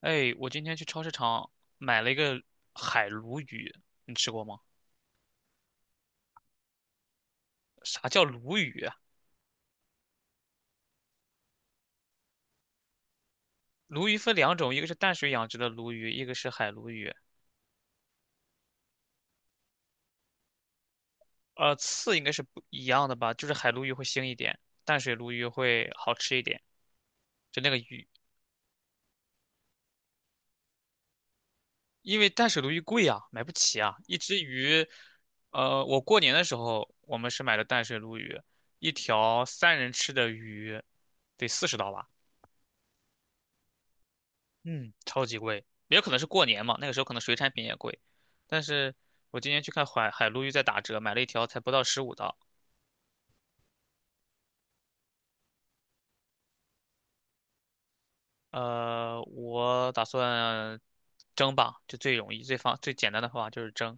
哎，我今天去超市场买了一个海鲈鱼，你吃过吗？啥叫鲈鱼啊？鲈鱼分两种，一个是淡水养殖的鲈鱼，一个是海鲈鱼。刺应该是不一样的吧？就是海鲈鱼会腥一点，淡水鲈鱼会好吃一点。就那个鱼，因为淡水鲈鱼贵啊，买不起啊。一只鱼，我过年的时候我们是买的淡水鲈鱼，一条3人吃的鱼得40刀吧。嗯，超级贵，也有可能是过年嘛，那个时候可能水产品也贵。但是我今年去看海鲈鱼在打折，买了一条才不到15刀。我打算蒸吧，就最容易、最简单的方法就是蒸。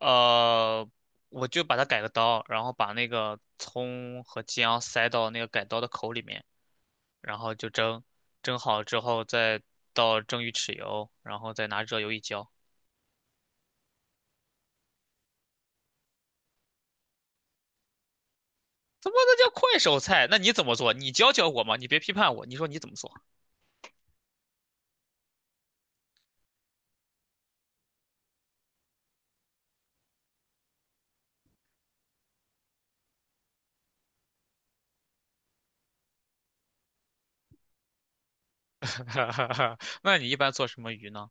呃，我就把它改个刀，然后把那个葱和姜塞到那个改刀的口里面，然后就蒸。蒸好之后再倒蒸鱼豉油，然后再拿热油一浇。怎么那叫快手菜？那你怎么做？你教教我嘛！你别批判我，你说你怎么做？那你一般做什么鱼呢？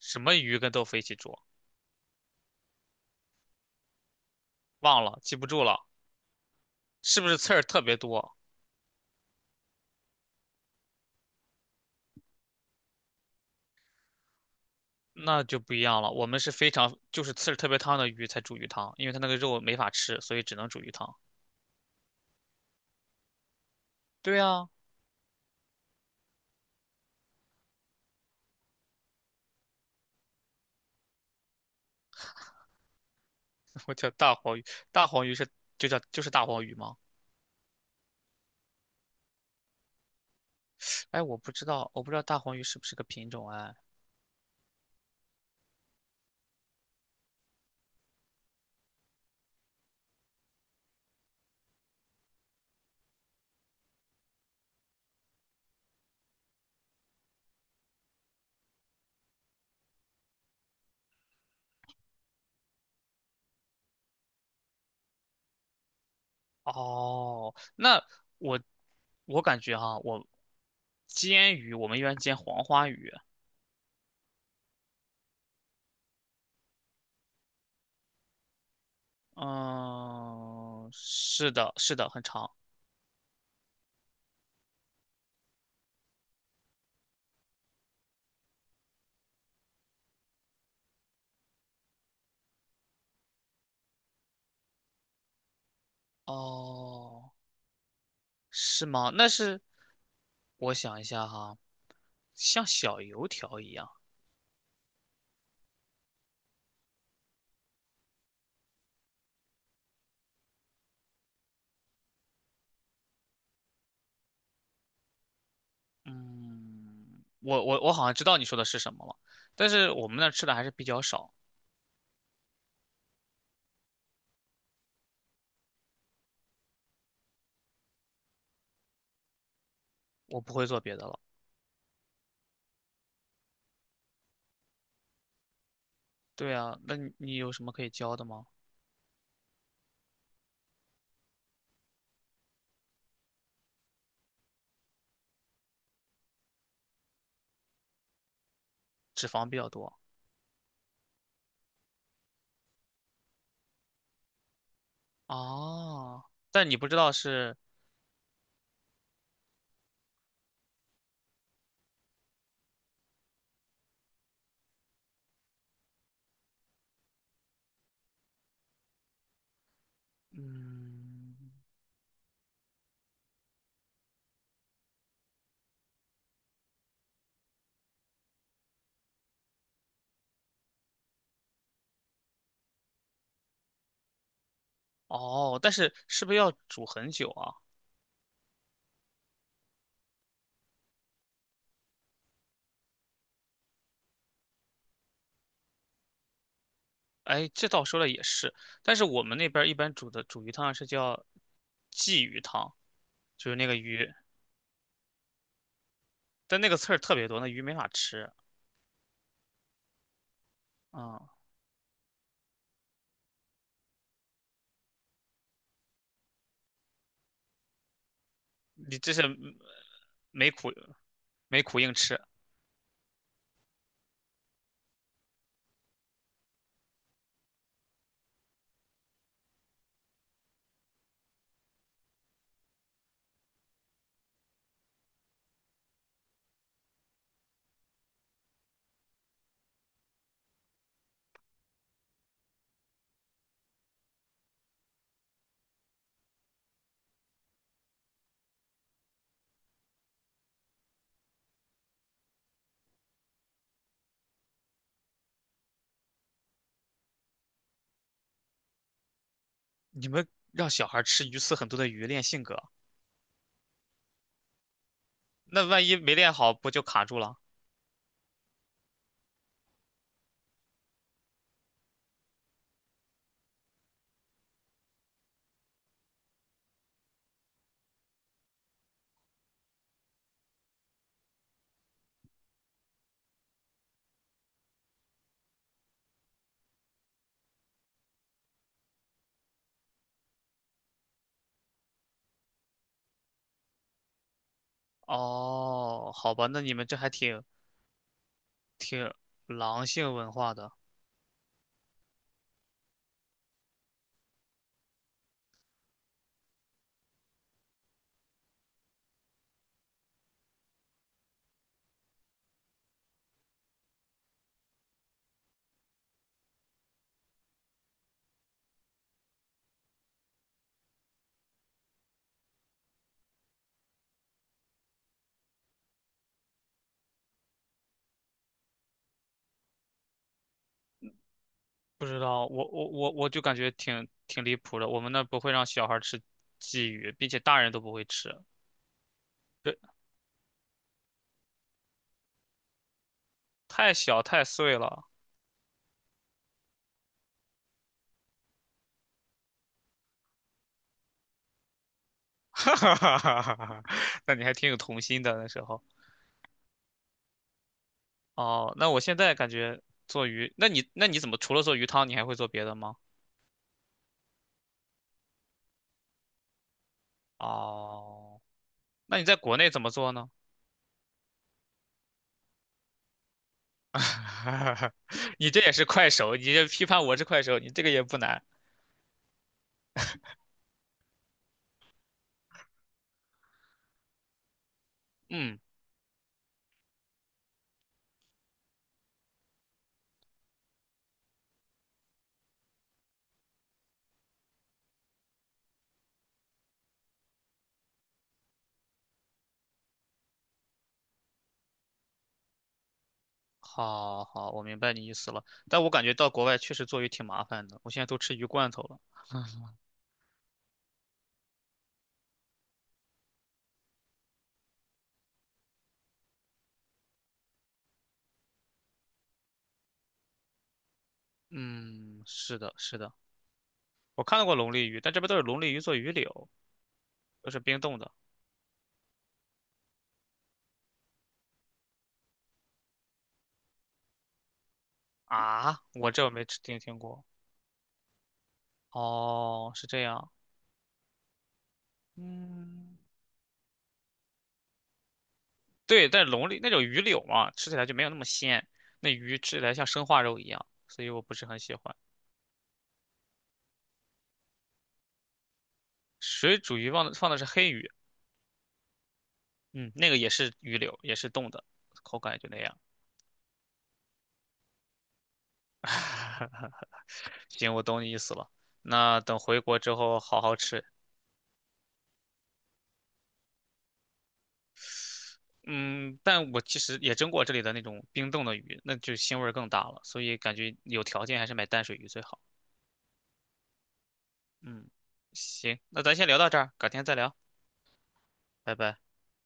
什么鱼跟豆腐一起煮？忘了，记不住了，是不是刺儿特别多？那就不一样了。我们是非常就是刺儿特别烫的鱼才煮鱼汤，因为它那个肉没法吃，所以只能煮鱼汤。对啊，我叫大黄鱼，大黄鱼是就叫就是大黄鱼吗？哎，我不知道，我不知道大黄鱼是不是个品种哎。哦，那我我感觉哈，我煎鱼我们一般煎黄花鱼，嗯，是的，是的，很长。哦，是吗？那是我想一下哈，像小油条一样。嗯，我好像知道你说的是什么了，但是我们那儿吃的还是比较少，我不会做别的了。对啊，那你你有什么可以教的吗？脂肪比较多。哦，但你不知道是，嗯。哦，但是是不是要煮很久啊？哎，这倒说了也是，但是我们那边儿一般煮鱼汤是叫鲫鱼汤，就是那个鱼，但那个刺儿特别多，那鱼没法吃。啊、你这是没苦没苦硬吃，你们让小孩吃鱼刺很多的鱼练性格，那万一没练好不就卡住了？哦，好吧，那你们这还挺挺狼性文化的。不知道，我就感觉挺离谱的。我们那不会让小孩吃鲫鱼，并且大人都不会吃，这太小太碎了。哈哈哈哈哈哈！那你还挺有童心的那时候。哦，那我现在感觉做鱼，那你那你怎么除了做鱼汤，你还会做别的吗？哦，那你在国内怎么做呢？你这也是快手，你这批判我是快手，你这个也不难。嗯。好好，我明白你意思了，但我感觉到国外确实做鱼挺麻烦的，我现在都吃鱼罐头了。嗯，是的，是的，我看到过龙利鱼，但这边都是龙利鱼做鱼柳，都是冰冻的啊，我这我没吃听过。哦，是这样，嗯，对，但是龙利那种鱼柳嘛，吃起来就没有那么鲜，那鱼吃起来像生化肉一样，所以我不是很喜欢。水煮鱼放的是黑鱼，嗯，那个也是鱼柳，也是冻的，口感也就那样。行，我懂你意思了。那等回国之后好好吃。嗯，但我其实也蒸过这里的那种冰冻的鱼，那就腥味儿更大了，所以感觉有条件还是买淡水鱼最好。嗯，行，那咱先聊到这儿，改天再聊，拜拜。